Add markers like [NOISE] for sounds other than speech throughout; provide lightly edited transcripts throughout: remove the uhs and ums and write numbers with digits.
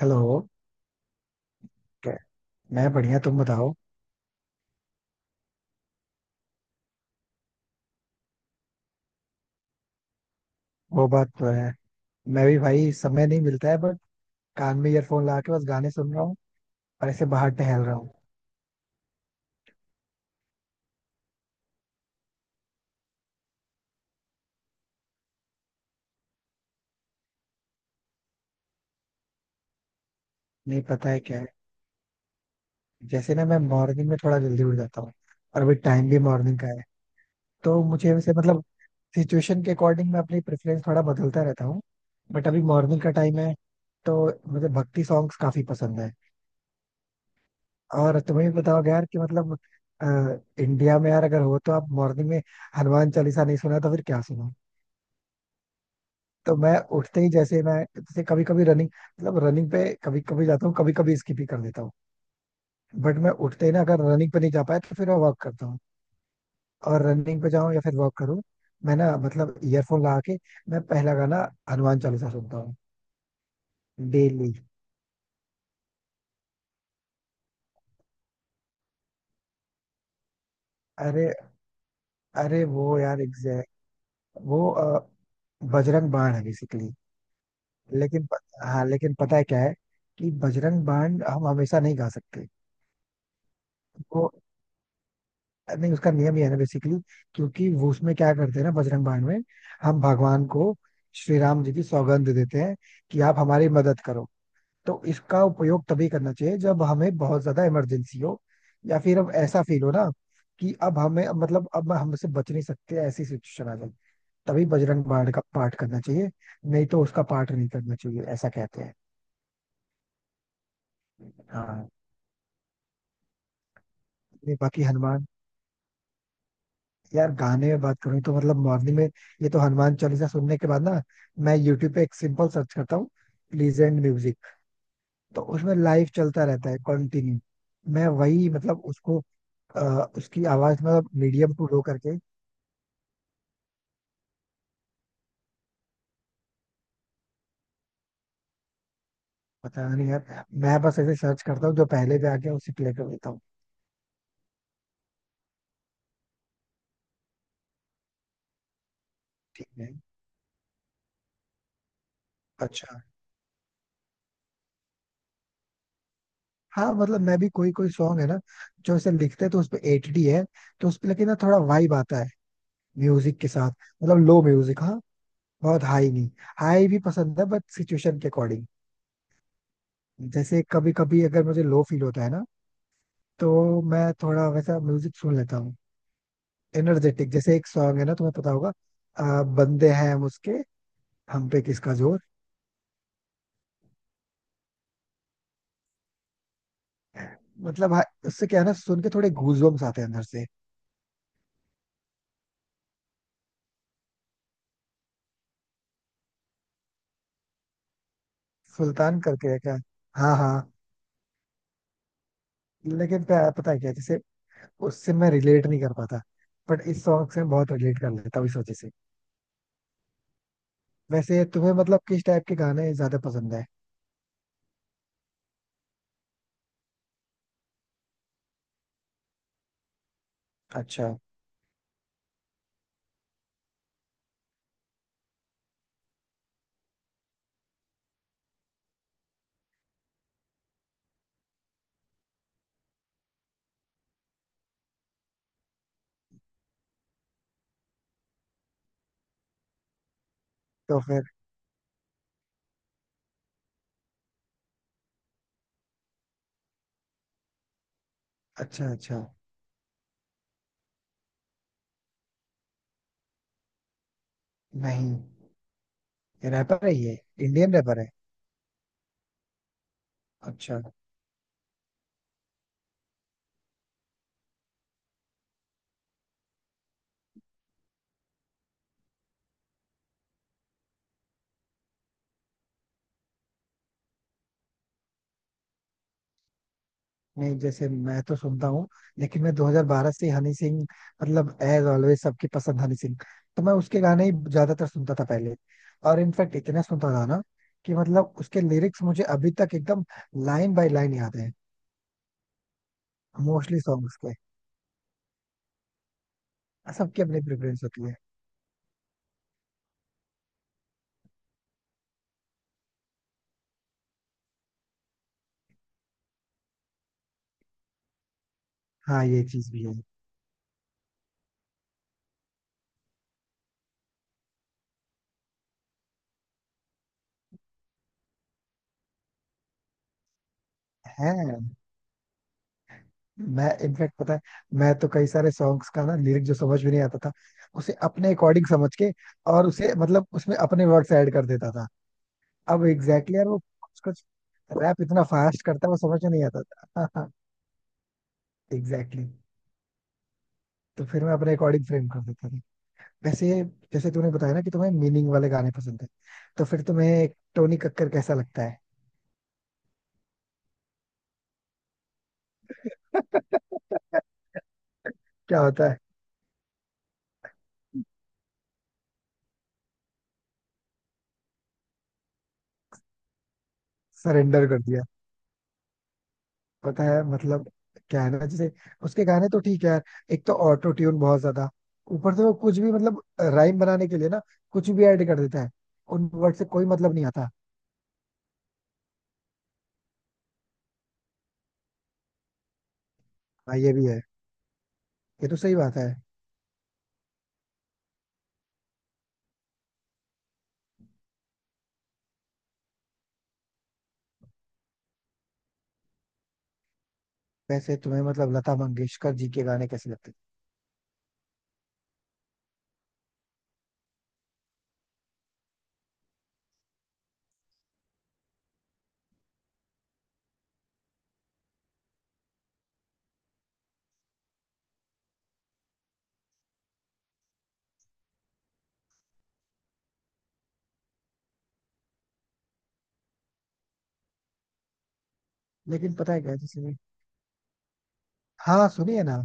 Hello. कै- मैं बढ़िया, तुम बताओ। वो बात तो है। मैं भी भाई समय नहीं मिलता है बट कान में ईयरफोन लगा के बस गाने सुन रहा हूँ और ऐसे बाहर टहल रहा हूँ। नहीं, पता है क्या है, जैसे ना मैं मॉर्निंग में थोड़ा जल्दी उठ जाता हूँ और अभी टाइम भी मॉर्निंग का है। तो मुझे वैसे मतलब सिचुएशन के अकॉर्डिंग मैं अपनी प्रेफरेंस थोड़ा बदलता रहता हूँ। बट अभी मॉर्निंग का टाइम है तो मुझे भक्ति सॉन्ग्स काफी पसंद है। और तुम्हें भी बताओगे यार कि मतलब इंडिया में यार, अगर हो तो आप मॉर्निंग में हनुमान चालीसा नहीं सुना तो फिर क्या सुना। तो मैं उठते ही, जैसे मैं, जैसे कभी कभी रनिंग मतलब रनिंग पे कभी कभी जाता हूँ, कभी कभी स्किप ही कर देता हूँ। बट मैं उठते ही ना, अगर रनिंग पे नहीं जा पाया तो फिर मैं वॉक करता हूँ। और रनिंग पे जाऊँ या फिर वॉक करूँ, मैं ना मतलब ईयरफोन लगा के मैं पहला गाना हनुमान चालीसा सुनता हूँ डेली। अरे अरे, वो यार एग्जैक्ट, वो बजरंग बाण है बेसिकली। लेकिन प- हाँ, लेकिन पता है क्या है, कि बजरंग बाण हम हमेशा नहीं गा सकते। वो नहीं, उसका नियम ये है ना बेसिकली। क्योंकि वो उसमें क्या करते हैं ना, बजरंग बाण में हम भगवान को श्री राम जी की सौगंध देते हैं कि आप हमारी मदद करो। तो इसका उपयोग तभी करना चाहिए जब हमें बहुत ज्यादा इमरजेंसी हो, या फिर अब ऐसा फील हो ना कि अब हमें मतलब अब हमसे बच नहीं सकते, ऐसी सिचुएशन आ जाए, तभी बजरंग बाण का पाठ करना चाहिए। नहीं तो उसका पाठ नहीं करना चाहिए, ऐसा कहते हैं। हाँ। नहीं, बाकी हनुमान, यार गाने में बात करूँ तो मतलब मॉर्निंग में, ये तो हनुमान चालीसा सुनने के बाद ना मैं यूट्यूब पे एक सिंपल सर्च करता हूँ, प्लीजेंट म्यूजिक। तो उसमें लाइव चलता रहता है कंटिन्यू। मैं वही मतलब उसको अ, उसकी आवाज मतलब मीडियम टू लो करके। पता नहीं यार, मैं बस ऐसे सर्च करता हूँ, जो पहले पे आ गया उसे प्ले कर देता हूँ। ठीक है। अच्छा। हाँ, मतलब मैं भी कोई कोई सॉन्ग है ना जो ऐसे लिखते हैं तो उसपे एटीडी है। तो उसपे लेकिन ना थोड़ा वाइब आता है म्यूजिक के साथ, मतलब लो म्यूजिक, हाँ। बहुत हाई नहीं। हाई भी पसंद है, बट सिचुएशन के अकॉर्डिंग। जैसे कभी कभी अगर मुझे लो फील होता है ना तो मैं थोड़ा वैसा म्यूजिक सुन लेता हूँ। एनर्जेटिक, जैसे एक सॉन्ग है ना तुम्हें पता होगा, बंदे हैं हम उसके, हम पे किसका जोर। मतलब हाँ, उससे क्या है ना, सुन के थोड़े गूजबम्स आते हैं अंदर से। सुल्तान करके है क्या? हाँ हाँ। पता है क्या, जैसे उससे मैं रिलेट नहीं कर पाता। बट इस सॉन्ग से मैं बहुत रिलेट कर लेता हूँ इस वजह से। वैसे तुम्हें मतलब किस टाइप के गाने ज्यादा पसंद है? अच्छा। तो फिर। अच्छा, अच्छा। नहीं, ये रैपर है, ये इंडियन रैपर है। अच्छा। नहीं, जैसे मैं तो सुनता हूँ, लेकिन मैं 2012 से हनी सिंह मतलब एज ऑलवेज सबकी पसंद हनी सिंह। तो मैं उसके गाने ही ज्यादातर सुनता था पहले। और इनफैक्ट इतना सुनता था ना कि मतलब उसके लिरिक्स मुझे अभी तक एकदम लाइन बाय लाइन याद है, मोस्टली सॉन्ग्स के। सबकी अपनी प्रेफरेंस होती है। हाँ, ये चीज भी है। है। मैं इनफैक्ट, पता है, मैं तो कई सारे सॉन्ग्स का ना लिरिक जो समझ में नहीं आता था, उसे अपने अकॉर्डिंग समझ के और उसे मतलब उसमें अपने वर्ड्स ऐड कर देता था। अब एग्जैक्टली exactly यार, वो कुछ कुछ रैप इतना फास्ट करता है वो समझ में नहीं आता था। [LAUGHS] Exactly exactly. तो फिर मैं अपने अकॉर्डिंग फ्रेम कर देता था वैसे। जैसे तूने बताया ना कि तुम्हें मीनिंग वाले गाने पसंद है, तो फिर तुम्हें टोनी कक्कर कैसा लगता है? [LAUGHS] क्या होता है? सरेंडर कर दिया। पता है मतलब क्या है ना, जैसे उसके गाने तो ठीक है यार, एक तो ऑटो ट्यून बहुत ज्यादा, ऊपर से वो कुछ भी मतलब राइम बनाने के लिए ना कुछ भी ऐड कर देता है, उन वर्ड से कोई मतलब नहीं आता। हाँ, ये भी है। ये तो सही बात है। वैसे तुम्हें मतलब लता मंगेशकर जी के गाने कैसे लगते हैं? लेकिन पता है क्या, जैसे, हाँ सुनिए ना,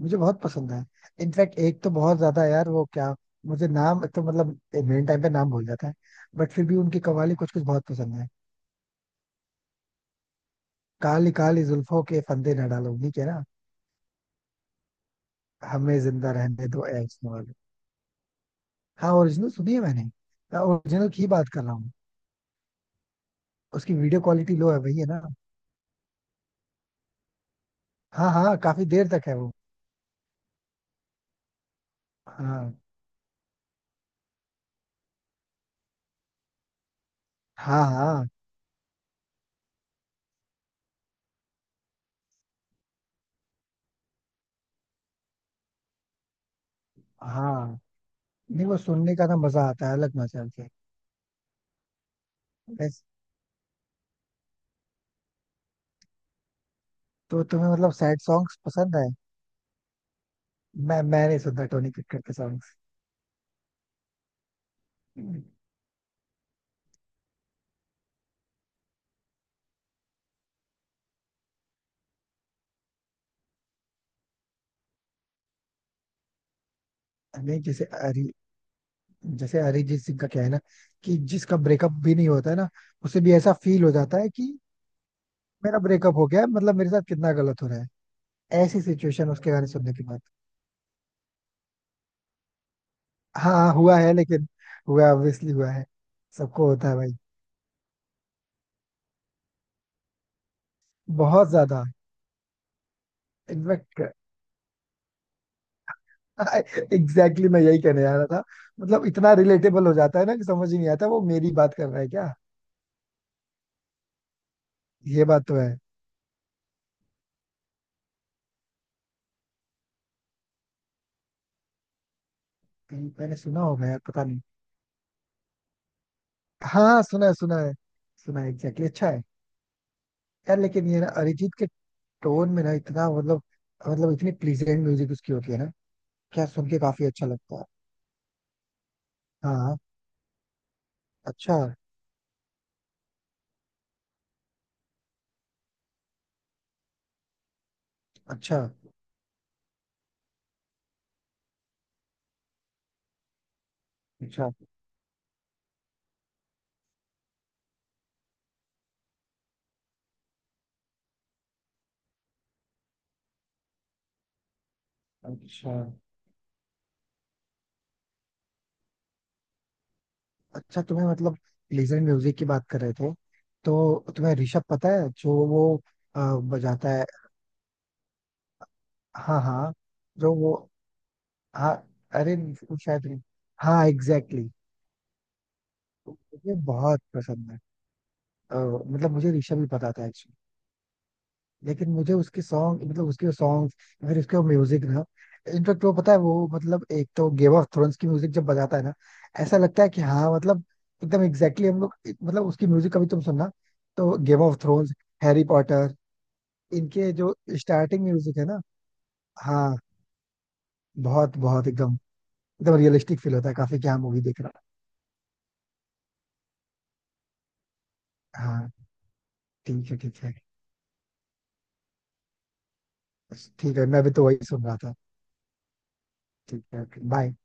मुझे बहुत पसंद है। इनफैक्ट एक तो बहुत ज्यादा यार, वो क्या, मुझे नाम, एक तो मतलब मेन टाइम पे नाम भूल जाता है, बट फिर भी उनकी कव्वाली कुछ कुछ बहुत पसंद है। काली काली जुल्फों के फंदे न डालो उन्हीं के ना, हमें जिंदा रहने दो एक्स मॉडल। हाँ, ओरिजिनल सुनी है मैंने, मैं ओरिजिनल की बात कर रहा हूँ। उसकी वीडियो क्वालिटी लो है वही है ना। हाँ हाँ, काफी देर तक है वो। हाँ, हाँ। हाँ, हाँ। नहीं, वो सुनने का ना मजा आता है, अलग मजा आता है। वैसे, तो तुम्हें मतलब सैड सॉन्ग्स पसंद है? मैं नहीं सुनता टोनी कक्कड़ के सॉन्ग्स। नहीं जैसे अरि जैसे अरिजीत सिंह का क्या है ना कि जिसका ब्रेकअप भी नहीं होता है ना उसे भी ऐसा फील हो जाता है कि मेरा ब्रेकअप हो गया है, मतलब मेरे साथ कितना गलत हो रहा है, ऐसी सिचुएशन उसके गाने सुनने के बाद। हाँ हाँ, हुआ है, लेकिन हुआ ऑब्वियसली हुआ है, सबको होता है भाई, बहुत ज्यादा। इनफैक्ट एग्जैक्टली मैं यही कहने जा रहा था, मतलब इतना रिलेटेबल हो जाता है ना कि समझ ही नहीं आता वो मेरी बात कर रहा है क्या। ये बात तो है। कहीं मैंने सुना होगा यार, पता नहीं। हाँ, सुना है, सुना है। सुना है, एग्जैक्टली अच्छा है। यार लेकिन ये ना अरिजीत के टोन में ना इतना मतलब इतनी प्लीजेंट म्यूजिक उसकी होती है ना, क्या सुन के काफी अच्छा लगता है। हाँ। अच्छा, अच्छा, अच्छा, अच्छा। अच्छा, तुम्हें मतलब लेजर म्यूजिक की बात कर रहे थे, तो तुम्हें ऋषभ पता है, जो वो अ, बजाता है। हाँ हाँ। जो वो। हाँ। अरे वो शायद। हाँ एग्जैक्टली exactly. मुझे बहुत पसंद है। अ, मतलब मुझे ऋषभ ही पता था। लेकिन मुझे उसके सॉन्ग मतलब उसके सॉन्ग फिर उसके म्यूजिक ना इनफेक्ट वो पता है, वो मतलब एक तो गेम ऑफ थ्रोन्स की म्यूजिक जब बजाता है ना, ऐसा लगता है कि हाँ मतलब एकदम एग्जैक्टली exactly हम लोग, मतलब उसकी म्यूजिक कभी तुम सुनना, तो Game of Thrones, Harry Potter, इनके जो स्टार्टिंग म्यूजिक है ना, हाँ बहुत बहुत एकदम एकदम रियलिस्टिक फील होता है, काफी क्या मूवी देख रहा है। हाँ। ठीक है, ठीक है। ठीक है, मैं भी तो वही सुन रहा था। ठीक है। बाय।